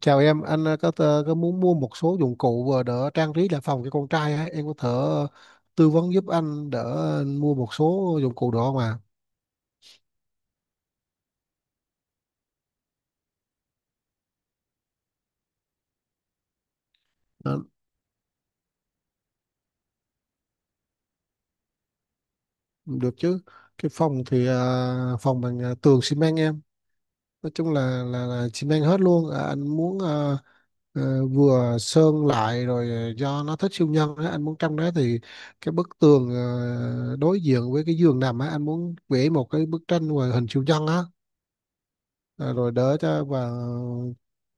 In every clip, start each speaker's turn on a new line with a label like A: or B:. A: Chào em, anh có muốn mua một số dụng cụ đỡ trang trí lại phòng cho con trai á, em có thể tư vấn giúp anh đỡ mua một số dụng cụ đó mà. Đó, được chứ. Cái phòng thì phòng bằng tường xi măng em, nói chung là xi măng hết luôn. À, anh muốn vừa sơn lại rồi, do nó thích siêu nhân á, anh muốn trong đó thì cái bức tường đối diện với cái giường nằm á, anh muốn vẽ một cái bức tranh về hình siêu nhân á. À, rồi đỡ cho và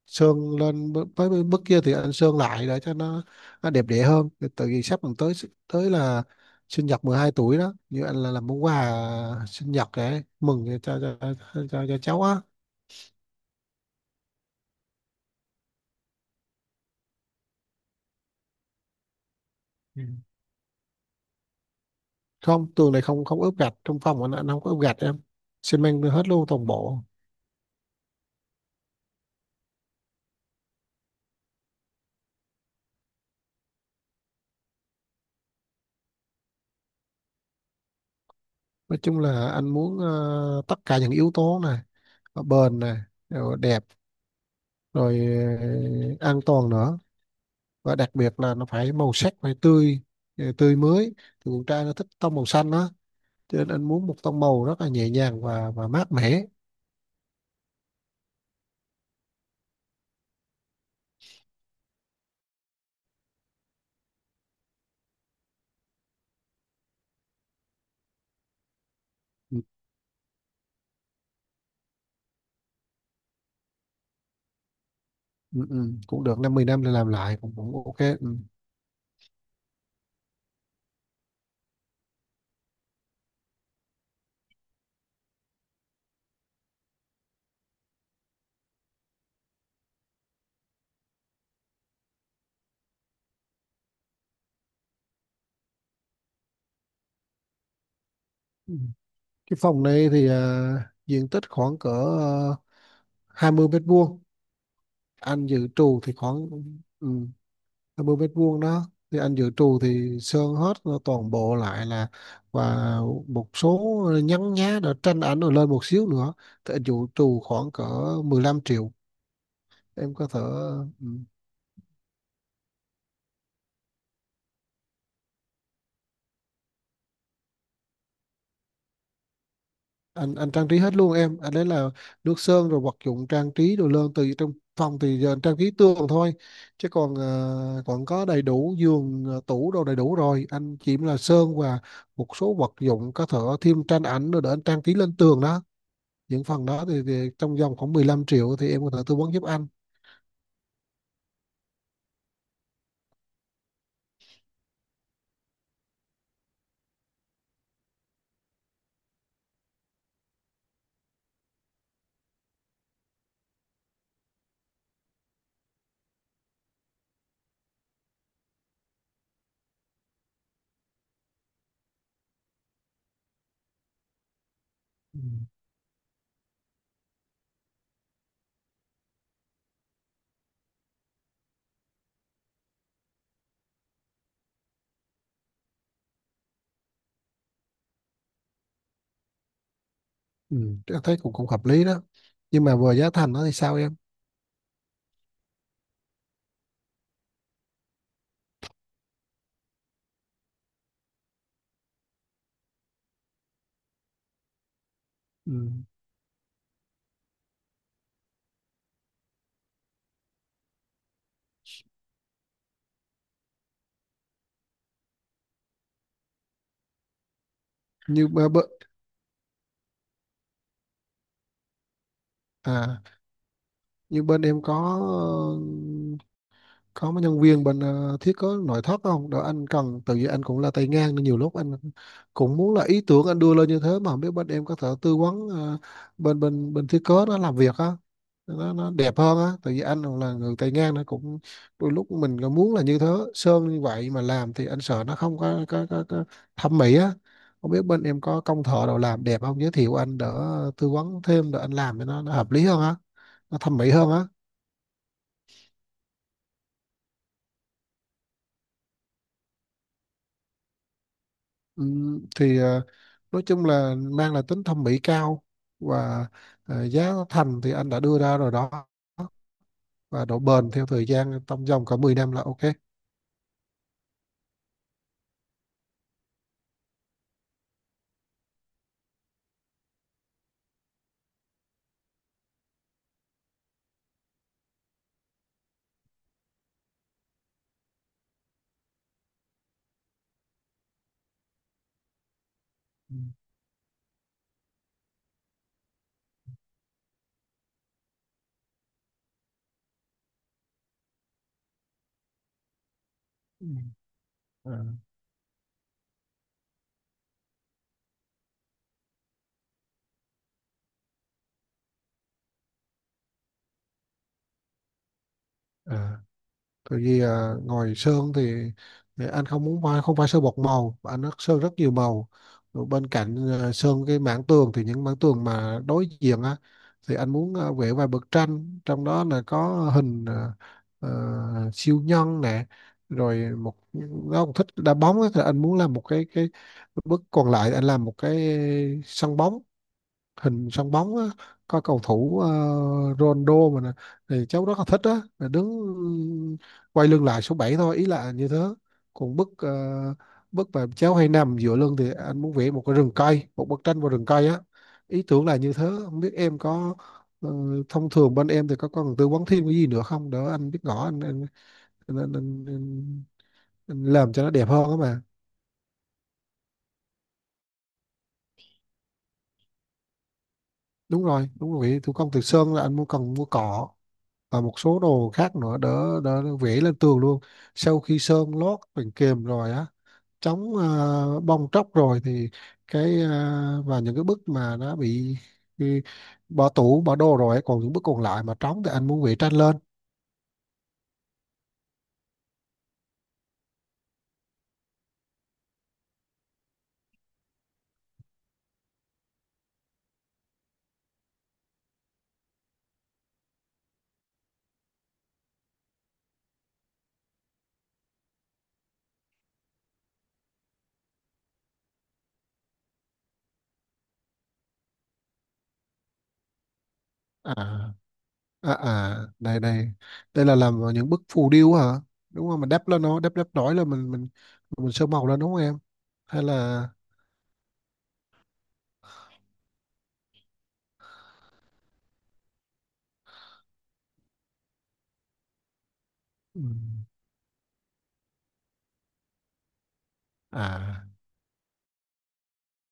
A: xương lên với mức kia thì ăn xương lại để cho nó đẹp đẽ hơn tại vì sắp còn tới tới là sinh nhật 12 tuổi đó, như anh là làm món quà sinh nhật để mừng cho cháu á. Ừ. Không, tường này không, không ướp gạch trong phòng anh không có ướp gạch em, xi măng hết luôn toàn bộ. Nói chung là anh muốn, tất cả những yếu tố này, bền này, rồi đẹp, rồi ờ, an toàn nữa, và đặc biệt là nó phải màu sắc phải tươi, tươi mới. Thì con trai nó thích tông màu xanh đó, cho nên anh muốn một tông màu rất là nhẹ nhàng và mát mẻ. Ừ, ừ, ừ. Cũng được, năm 10 năm để làm lại cũng cũng ok ừ. Ừ. Cái phòng này thì diện tích khoảng cỡ à, 20 mét vuông, anh dự trù thì khoảng ừ, 50 mét vuông đó, thì anh dự trù thì sơn hết nó toàn bộ lại, là và một số nhăn nhá để tranh ảnh rồi lên một xíu nữa, thì anh dự trù khoảng cỡ 15 triệu. Em có thể ừ, anh trang trí hết luôn em, anh đấy là nước sơn rồi vật dụng trang trí đồ lên từ trong phòng. Thì giờ anh trang trí tường thôi, chứ còn còn có đầy đủ giường, tủ đồ đầy đủ rồi, anh chỉ là sơn và một số vật dụng, có thể thêm tranh ảnh rồi để anh trang trí lên tường đó. Những phần đó thì trong vòng khoảng 15 triệu thì em có thể tư vấn giúp anh. Ừ. Ừ. Em thấy cũng cũng hợp lý đó, nhưng mà vừa giá thành đó thì sao em. Ừ. như bơ- bơ- à, như bên em có mấy nhân viên bên thiết kế nội thất không đó anh cần, tại vì anh cũng là tay ngang nên nhiều lúc anh cũng muốn là ý tưởng anh đưa lên như thế, mà không biết bên em có thể tư vấn bên bên bên thiết kế nó làm việc á, nó đẹp hơn á, tại vì anh là người tay ngang nó cũng đôi lúc mình cũng muốn là như thế, sơn như vậy mà làm thì anh sợ nó không có thẩm mỹ á. Không biết bên em có công thợ nào làm đẹp không, giới thiệu anh đỡ tư vấn thêm để anh làm cho nó hợp lý hơn á, nó thẩm mỹ hơn á. Thì nói chung là mang là tính thẩm mỹ cao, và giá thành thì anh đã đưa ra rồi đó, và độ bền theo thời gian trong vòng cả 10 năm là ok. Ừ. Ừ. Ờ. Ờ. Tại vì à, ngồi sơn thì anh không muốn phải không phải sơn một màu, mà anh sơn rất nhiều màu. Rồi bên cạnh à, sơn cái mảng tường thì những mảng tường mà đối diện á, thì anh muốn à, vẽ vài bức tranh, trong đó là có hình à, siêu nhân nè, rồi một, nó cũng thích đá bóng á, thì anh muốn làm một cái bức còn lại anh làm một cái sân bóng, hình sân bóng á, có cầu thủ Ronaldo mà nè, thì cháu rất là thích á, là đứng quay lưng lại số 7 thôi, ý là như thế. Còn bức bức mà cháu hay nằm dựa lưng thì anh muốn vẽ một cái rừng cây, một bức tranh vào rừng cây á. Ý tưởng là như thế, không biết em có ờ, thông thường bên em thì có cần tư vấn thêm cái gì nữa không, để anh biết rõ anh, anh, anh, anh, anh làm cho nó đẹp hơn á mà. Đúng rồi, đúng rồi, thủ công từ sơn là anh muốn cần mua cỏ và một số đồ khác nữa đỡ đỡ vẽ lên tường luôn, sau khi sơn lót bằng kềm rồi á, chống bong tróc rồi. Thì cái và những cái bức mà nó bị bỏ tủ bỏ đồ rồi ấy, còn những bức còn lại mà trống thì anh muốn vẽ tranh lên. À à à đây đây, đây là làm những bức phù điêu hả, đúng không, mình đắp lên, nó đắp đắp nổi lên, mình sơn màu lên, đúng không em, hay là. Ừ. À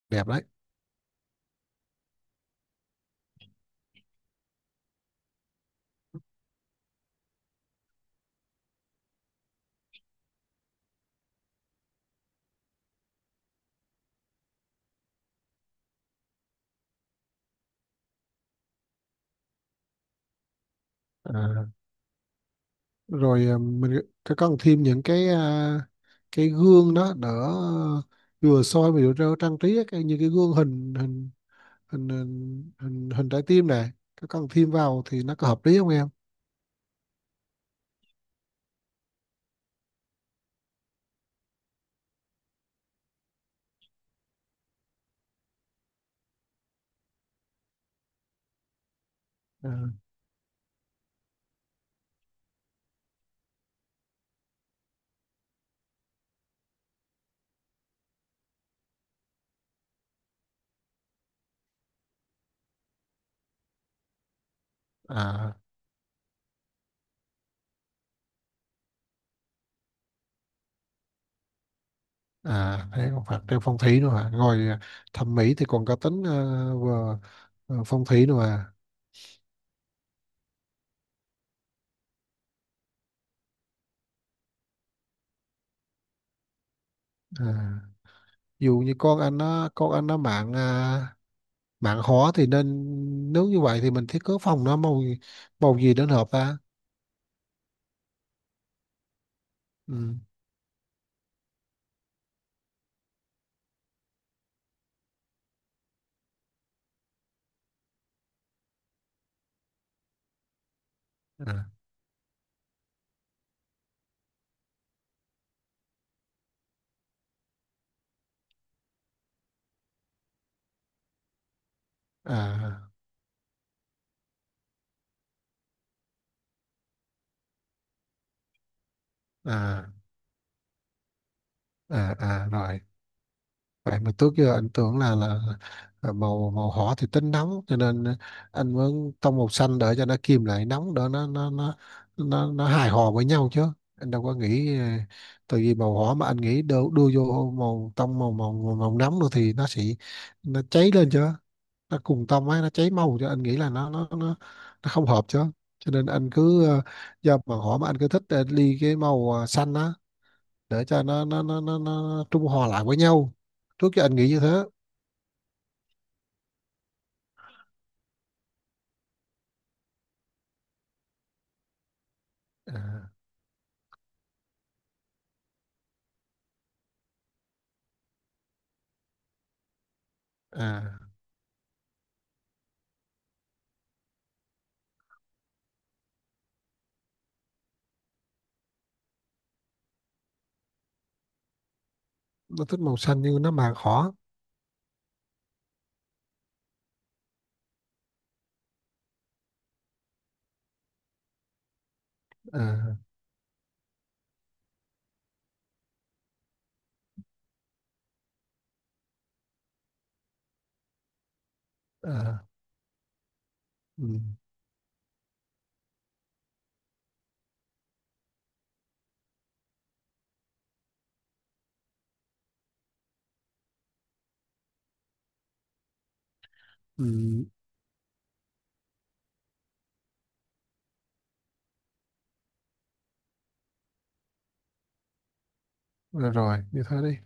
A: đẹp đấy. À rồi, à, mình có cần thêm những cái à, cái gương đó đỡ vừa soi mà vừa cho trang trí á, như cái gương hình hình hình hình hình, hình trái tim này, có cần thêm vào thì nó có hợp lý không em. À. À, à thế còn phải thêm phong thủy nữa hả, ngồi à, thẩm mỹ thì còn có tính à, vừa vừa phong thủy nữa à. À, dù như con anh nó mạng à, mạng hóa thì nên, nếu như vậy thì mình thiết kế phòng nó màu, màu gì đến hợp ta. Ừ. à à à, rồi, vậy mà trước giờ anh tưởng là là màu màu hỏa thì tính nóng, cho nên anh muốn tông màu xanh để cho nó kìm lại nóng đỡ, nó hài hòa với nhau chứ. Anh đâu có nghĩ ờ, tại vì màu hỏa mà anh nghĩ đưa vô màu tông màu nóng nữa thì nó sẽ nó cháy lên chứ, nó cùng tông ấy nó cháy màu, cho anh nghĩ là nó không hợp chứ. Cho nên anh cứ do màu hỏa mà anh cứ thích ly cái màu xanh á, để cho nó trung hòa lại với nhau. Trước giờ anh nghĩ như thế. À. À. nó thích màu xanh nhưng nó mà khó à, à, ừ. Ừ. Rồi, như thế đi.